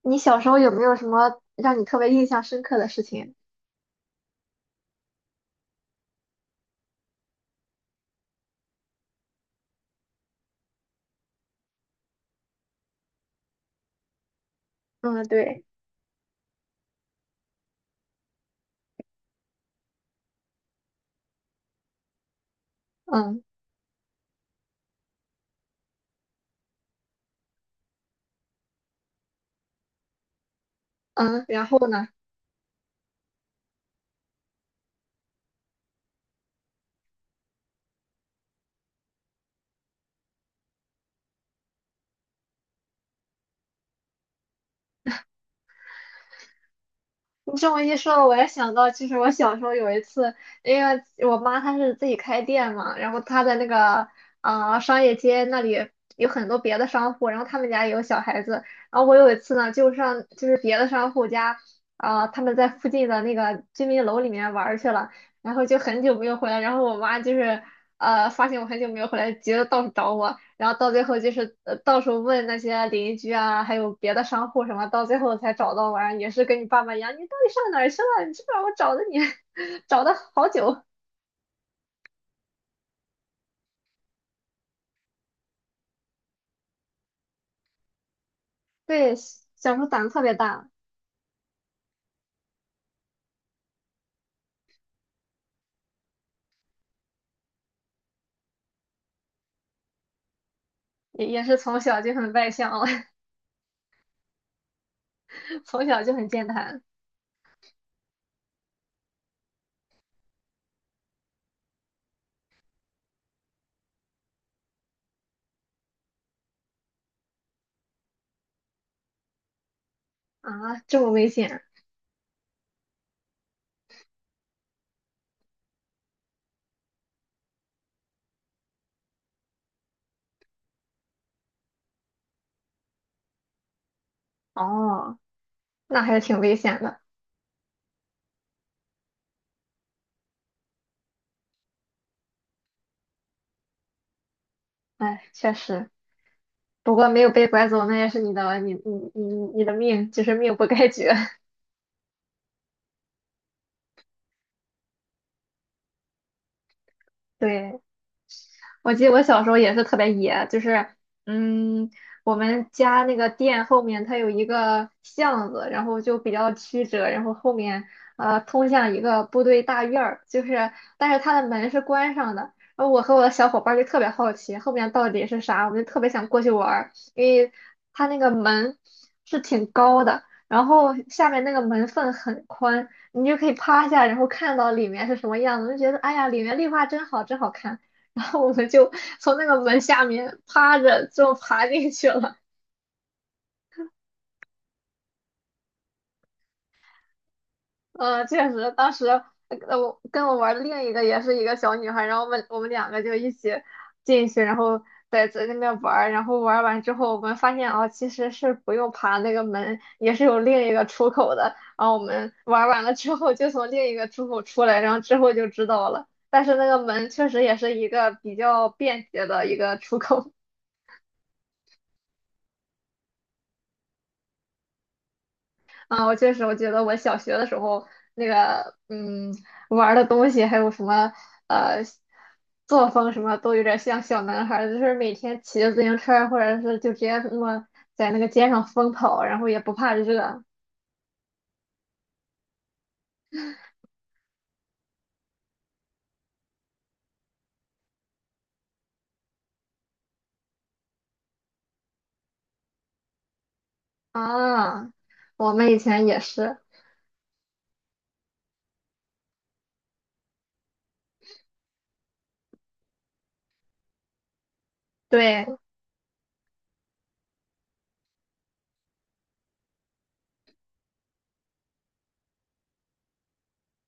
你小时候有没有什么让你特别印象深刻的事情？嗯，对。嗯嗯，然后呢？你这么一说，我也想到，其实我小时候有一次，因为我妈她是自己开店嘛，然后她在那个商业街那里有很多别的商户，然后他们家也有小孩子，然后我有一次呢，就是别的商户家，他们在附近的那个居民楼里面玩儿去了，然后就很久没有回来，然后我妈就是发现我很久没有回来，急得到处找我。然后到最后就是到处问那些邻居啊，还有别的商户什么，到最后才找到完，也是跟你爸爸一样，你到底上哪儿去了？你知不知道我找的你，找的好久。对，小时候胆子特别大。也是从小就很外向了。 从小就很健谈。啊，这么危险。哦，那还是挺危险的。哎，确实，不过没有被拐走，那也是你的，你你的命，就是命不该绝。对。我记得我小时候也是特别野，就是嗯，我们家那个店后面它有一个巷子，然后就比较曲折，然后后面通向一个部队大院儿，就是但是它的门是关上的。然后我和我的小伙伴儿就特别好奇后面到底是啥，我们就特别想过去玩儿，因为它那个门是挺高的，然后下面那个门缝很宽，你就可以趴下，然后看到里面是什么样子，就觉得哎呀，里面绿化真好，真好看。然后我们就从那个门下面趴着就爬进去了。嗯，确实，当时我跟我玩的另一个也是一个小女孩，然后我们两个就一起进去，然后在那边玩儿然后玩完之后，我们发现哦，其实是不用爬那个门，也是有另一个出口的。然后我们玩完了之后，就从另一个出口出来，然后之后就知道了。但是那个门确实也是一个比较便捷的一个出口。啊，我确实，我觉得我小学的时候那个，嗯，玩儿的东西还有什么，呃，作风什么都有点像小男孩儿，就是每天骑着自行车儿或者是就直接那么在那个街上疯跑，然后也不怕热啊。我们以前也是。对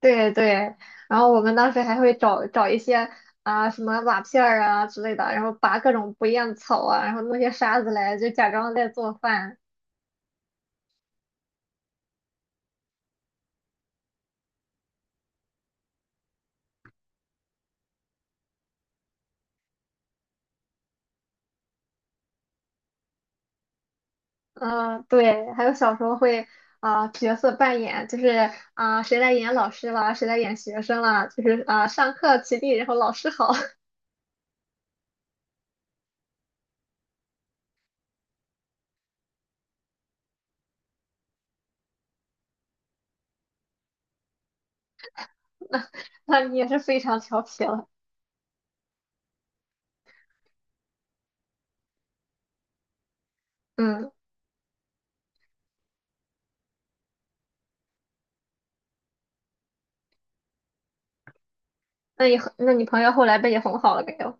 对对，然后我们当时还会找一些什么瓦片儿啊之类的，然后拔各种不厌草啊，然后弄些沙子来，就假装在做饭。嗯，对，还有小时候会角色扮演，就是谁来演老师啦，谁来演学生啦，就是上课起立，然后老师好。那你也是非常调皮了。嗯，那你很那你朋友后来被你哄好了没有？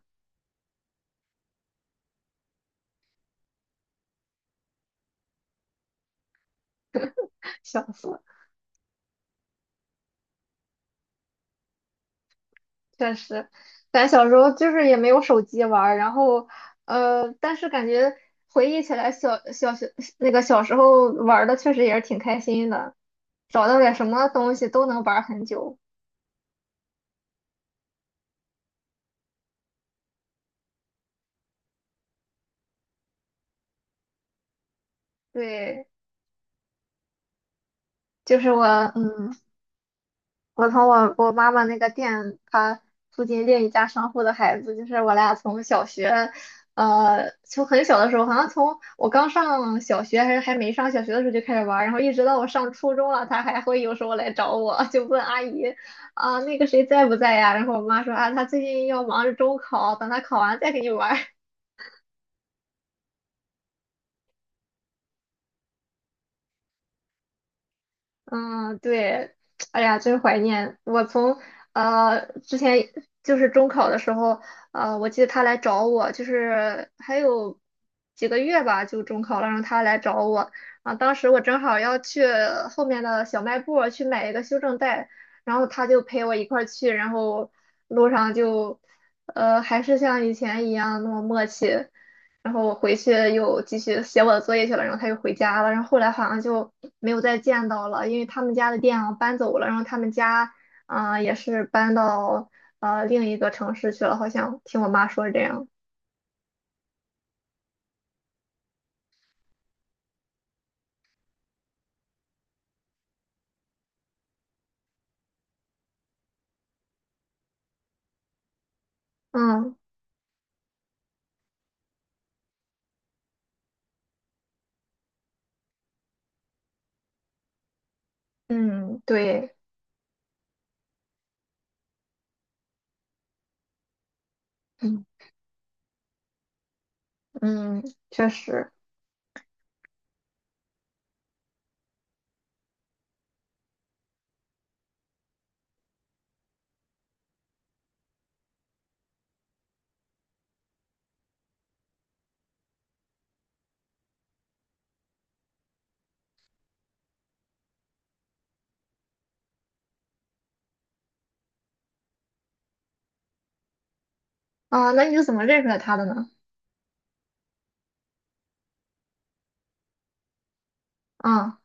笑死了。确实，咱小时候就是也没有手机玩儿，然后但是感觉回忆起来小学那个小时候玩儿的确实也是挺开心的，找到点什么东西都能玩儿很久。对，就是我嗯。我从我我妈妈那个店，她附近另一家商户的孩子，就是我俩从小学，从很小的时候，好像从我刚上小学还是还没上小学的时候就开始玩儿，然后一直到我上初中了，她还会有时候来找我，就问阿姨啊，那个谁在不在呀？然后我妈说啊，她最近要忙着中考，等她考完再跟你玩儿。嗯，对，哎呀，真怀念！我从之前就是中考的时候，我记得他来找我，就是还有几个月吧，就中考了，让他来找我啊。当时我正好要去后面的小卖部儿去买一个修正带，然后他就陪我一块儿去，然后路上就还是像以前一样那么默契。然后我回去又继续写我的作业去了，然后他又回家了，然后后来好像就没有再见到了，因为他们家的店啊搬走了，然后他们家也是搬到另一个城市去了，好像听我妈说是这样。嗯嗯，对。嗯嗯，确实。那你是怎么认出来他的呢？啊。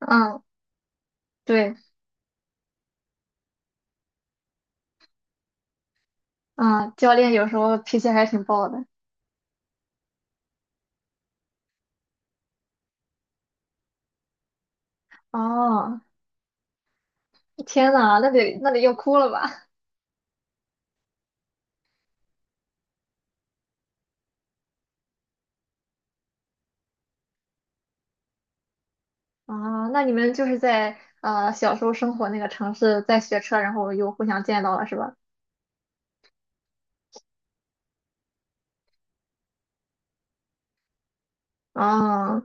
啊，对。啊教练有时候脾气还挺暴的。哦，天呐，那得那得要哭了吧？啊，那你们就是在小时候生活那个城市，在学车，然后又互相见到了，是吧？啊，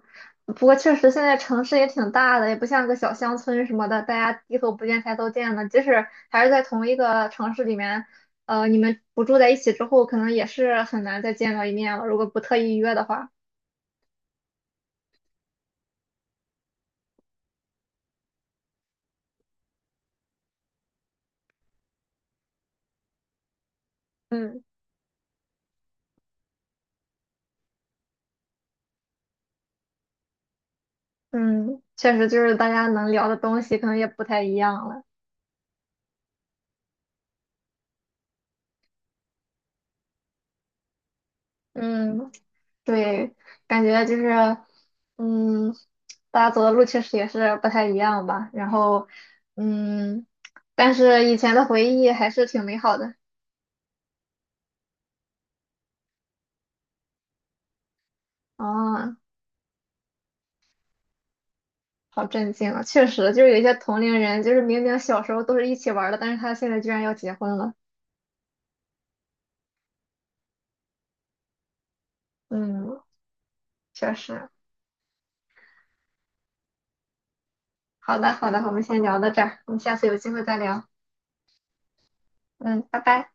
不过确实现在城市也挺大的，也不像个小乡村什么的，大家低头不见抬头见的。即使还是在同一个城市里面，你们不住在一起之后，可能也是很难再见到一面了，如果不特意约的话。嗯嗯，确实就是大家能聊的东西可能也不太一样了。嗯。对，感觉就是，嗯，大家走的路确实也是不太一样吧。然后，嗯，但是以前的回忆还是挺美好的。啊，好震惊啊！确实，就是有一些同龄人，就是明明小时候都是一起玩儿的，但是他现在居然要结婚了。嗯，确实。好的，好的，我们先聊到这儿，我们下次有机会再聊。嗯，拜拜。